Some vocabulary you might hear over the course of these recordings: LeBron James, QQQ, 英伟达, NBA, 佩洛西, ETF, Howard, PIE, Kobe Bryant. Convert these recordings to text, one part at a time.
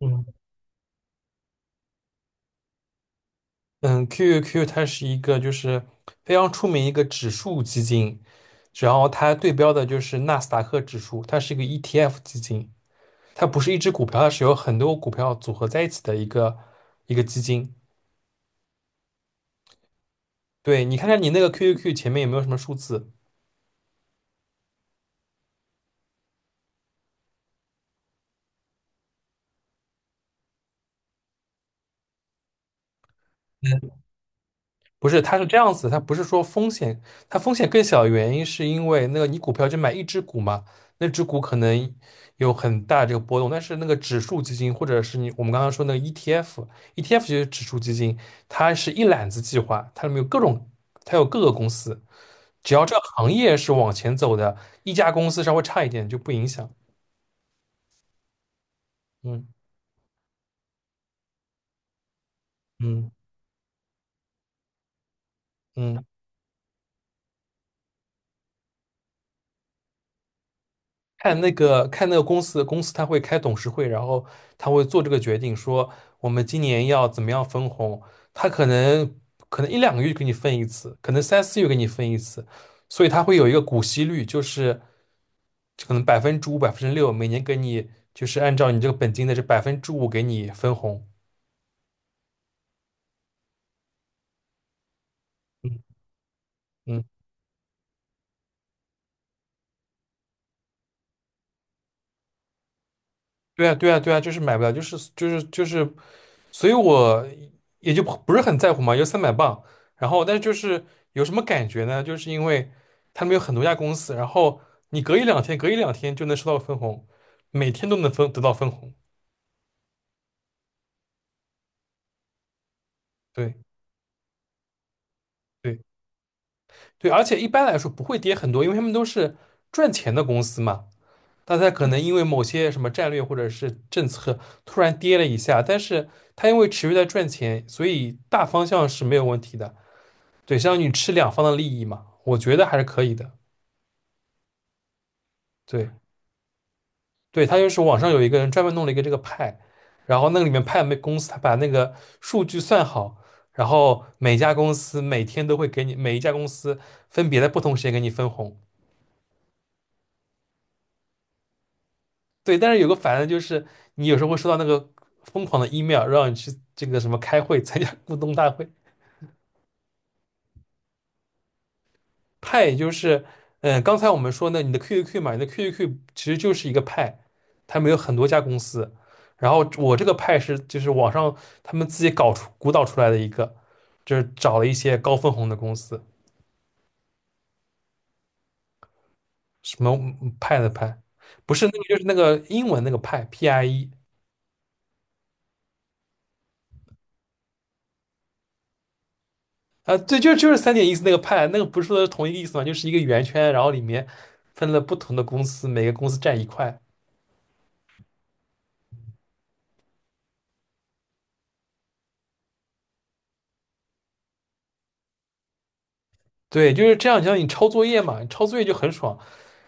嗯嗯，QQQ 它是一个就是非常出名一个指数基金，然后它对标的就是纳斯达克指数，它是一个 ETF 基金，它不是一只股票，它是有很多股票组合在一起的一个基金。对，你看看你那个 QQQ 前面有没有什么数字？不是，它是这样子，它不是说风险，它风险更小的原因是因为那个你股票就买一只股嘛，那只股可能有很大这个波动，但是那个指数基金或者是我们刚刚说那个 ETF，ETF 就是指数基金，它是一揽子计划，它里面有各种，它有各个公司，只要这个行业是往前走的，一家公司稍微差一点就不影响。嗯嗯嗯。看那个公司他会开董事会，然后他会做这个决定，说我们今年要怎么样分红。他可能一两个月给你分一次，可能三四月给你分一次，所以他会有一个股息率，就是可能百分之五、6%，每年给你就是按照你这个本金的这百分之五给你分红。嗯嗯，对啊对啊对啊，就是买不了，就是就是就是。所以我也就不是很在乎嘛，有300磅。然后，但是就是有什么感觉呢？就是因为他们有很多家公司，然后你隔一两天就能收到分红，每天都能分得到分红。对对对，而且一般来说不会跌很多，因为他们都是赚钱的公司嘛。但它可能因为某些什么战略或者是政策突然跌了一下，但是他因为持续在赚钱，所以大方向是没有问题的。对，相当于你吃两方的利益嘛，我觉得还是可以的。对。对，他就是网上有一个人专门弄了一个这个派，然后那个里面派没公司，他把那个数据算好，然后每家公司每天都会给你每一家公司分别在不同时间给你分红。对，但是有个烦的就是，你有时候会收到那个疯狂的 email,让你去这个什么开会参加 股东大会，派就是，嗯，刚才我们说呢，你的 QQQ 嘛，你的 QQQ 其实就是一个派，他们有很多家公司，然后我这个派是就是网上他们自己鼓捣出来的一个，就是找了一些高分红的公司，什么派的派，不是那个就是那个英文那个派 PIE 啊，对，就是三点意思那个派，那个不是说同一个意思嘛，就是一个圆圈，然后里面分了不同的公司，每个公司占一块。对，就是这样，就像你抄作业嘛，抄作业就很爽。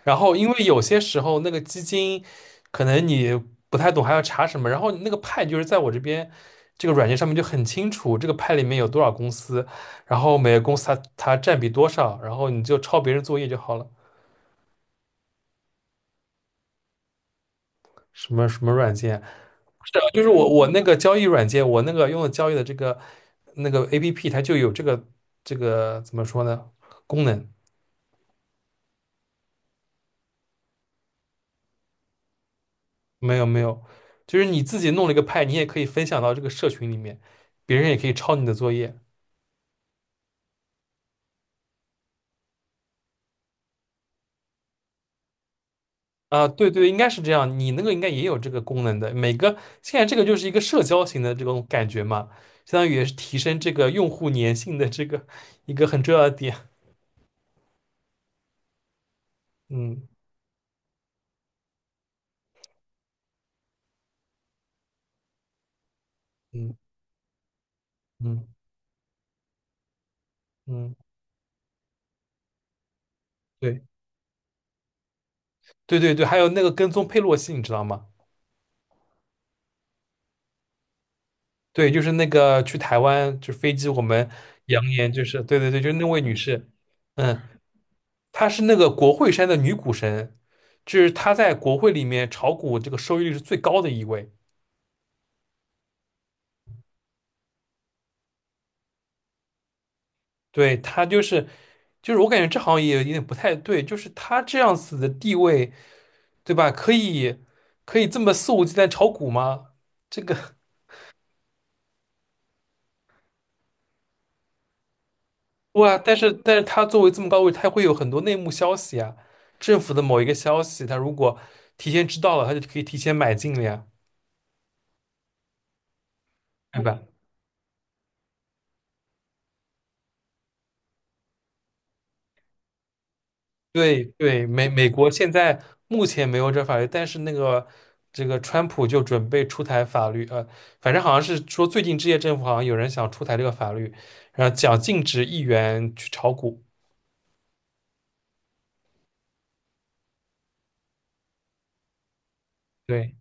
然后，因为有些时候那个基金，可能你不太懂还要查什么，然后那个派就是在我这边这个软件上面就很清楚，这个派里面有多少公司，然后每个公司它占比多少，然后你就抄别人作业就好了。什么软件？是啊就是我那个交易软件，我那个用的交易的这个那个 APP,它就有这个怎么说呢功能。没有没有，就是你自己弄了一个派，你也可以分享到这个社群里面，别人也可以抄你的作业啊。对对，应该是这样，你那个应该也有这个功能的。每个现在这个就是一个社交型的这种感觉嘛，相当于也是提升这个用户粘性的这个一个很重要的点。嗯嗯嗯嗯，对对对对，还有那个跟踪佩洛西，你知道吗？对，就是那个去台湾，就飞机我们扬言就是对对对，就是那位女士，嗯。她是那个国会山的女股神，就是她在国会里面炒股这个收益率是最高的一位。对，她就是，就是我感觉这好像也有点不太对，就是她这样子的地位，对吧？可以这么肆无忌惮炒股吗？这个，哇！但是她作为这么高位，她会有很多内幕消息啊，政府的某一个消息，她如果提前知道了，她就可以提前买进了呀，对吧？对对，美国现在目前没有这法律，但是那个这个川普就准备出台法律，反正好像是说最近这届政府好像有人想出台这个法律，然后讲禁止议员去炒股。对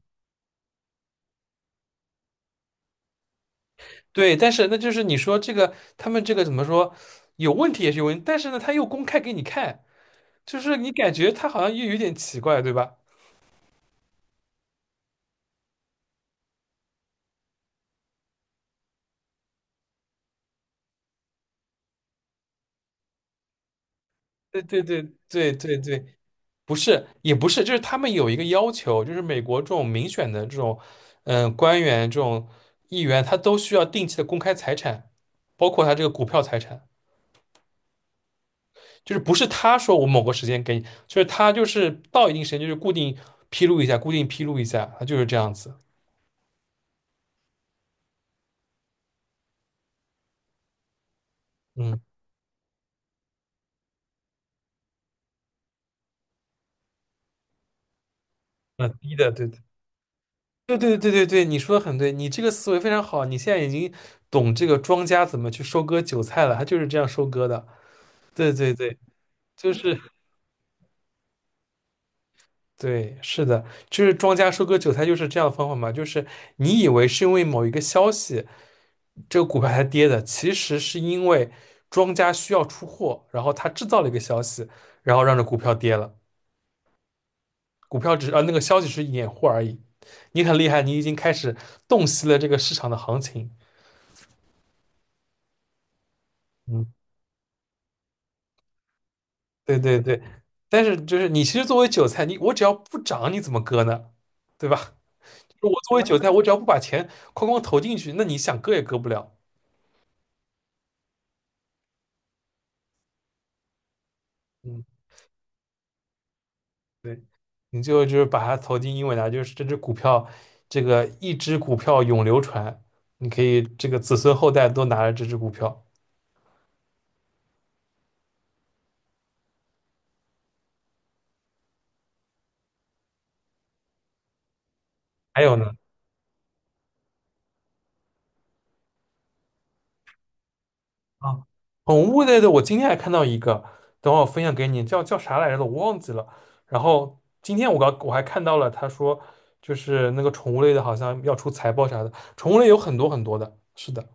对，但是那就是你说这个他们这个怎么说有问题也是有问题，但是呢他又公开给你看，就是你感觉他好像又有点奇怪，对吧？对对对对对对，不是，也不是，就是他们有一个要求，就是美国这种民选的这种，官员这种议员，他都需要定期的公开财产，包括他这个股票财产，就是不是他说我某个时间给你，就是他就是到一定时间就是固定披露一下，固定披露一下，他就是这样子。嗯，很低的，对对对对对对对，你说的很对，你这个思维非常好，你现在已经懂这个庄家怎么去收割韭菜了，他就是这样收割的。对对对，就是。对，是的，就是庄家收割韭菜就是这样的方法嘛，就是你以为是因为某一个消息，这个股票才跌的，其实是因为庄家需要出货，然后他制造了一个消息，然后让这股票跌了，股票只是那个消息是掩护而已。你很厉害，你已经开始洞悉了这个市场的行情。嗯，对对对，但是就是你其实作为韭菜，我只要不涨，你怎么割呢？对吧？我作为韭菜，我只要不把钱哐哐投进去，那你想割也割不了。嗯。你最后就是把它投进英伟达，就是这只股票，这个一只股票永流传，你可以这个子孙后代都拿着这只股票。还有呢，啊，宠物类的，我今天还看到一个，等会儿我分享给你，叫啥来着的我忘记了。然后今天我还看到了，他说就是那个宠物类的，好像要出财报啥的，宠物类有很多很多的，是的，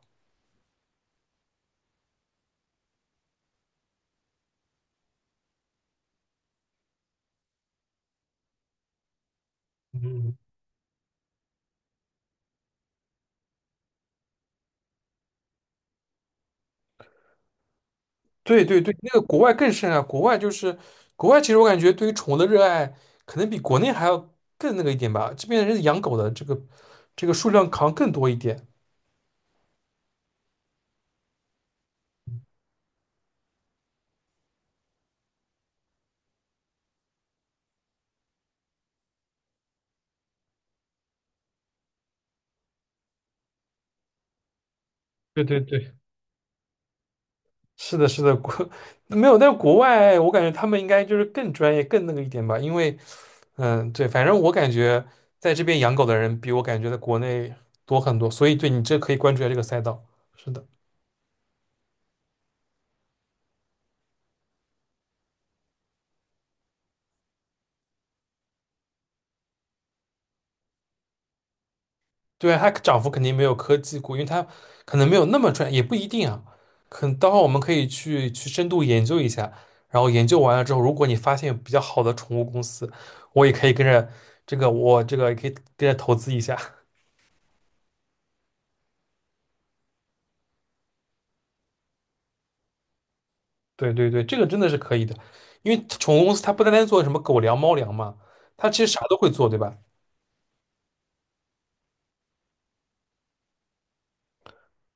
嗯嗯。对对对，那个国外更甚啊，国外，其实我感觉对于宠物的热爱可能比国内还要更那个一点吧。这边人养狗的这个数量好像更多一点。对对对，是的，是的，没有，但是国外我感觉他们应该就是更专业、更那个一点吧。因为对，反正我感觉在这边养狗的人比我感觉在国内多很多，所以对你这可以关注一下这个赛道。是的。对，它涨幅肯定没有科技股，因为它可能没有那么赚，也不一定啊。可能待会儿我们可以去深度研究一下，然后研究完了之后，如果你发现有比较好的宠物公司，我也可以跟着这个，我这个也可以跟着投资一下。对对对，这个真的是可以的，因为宠物公司它不单单做什么狗粮、猫粮嘛，它其实啥都会做，对吧？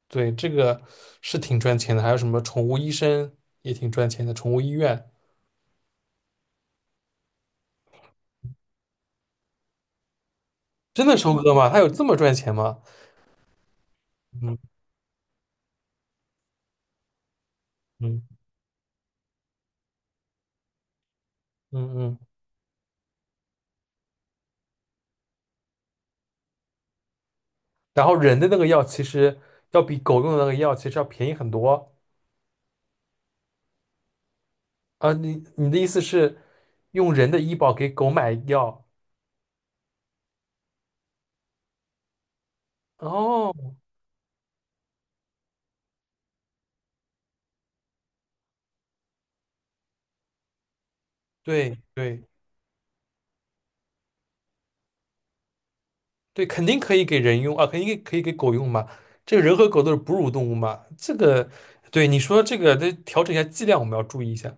对，这个是挺赚钱的，还有什么宠物医生也挺赚钱的，宠物医院真的收割吗？它有这么赚钱吗？嗯嗯嗯嗯。然后人的那个药其实要比狗用的那个药其实要便宜很多啊。你的意思是用人的医保给狗买药？哦，对对对，肯定可以给人用啊，肯定可以给狗用嘛。这个人和狗都是哺乳动物嘛，这个对你说这个得调整一下剂量，我们要注意一下。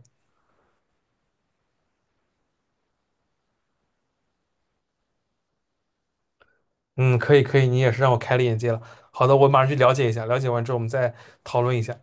嗯，可以可以，你也是让我开了眼界了。好的，我马上去了解一下，了解完之后我们再讨论一下。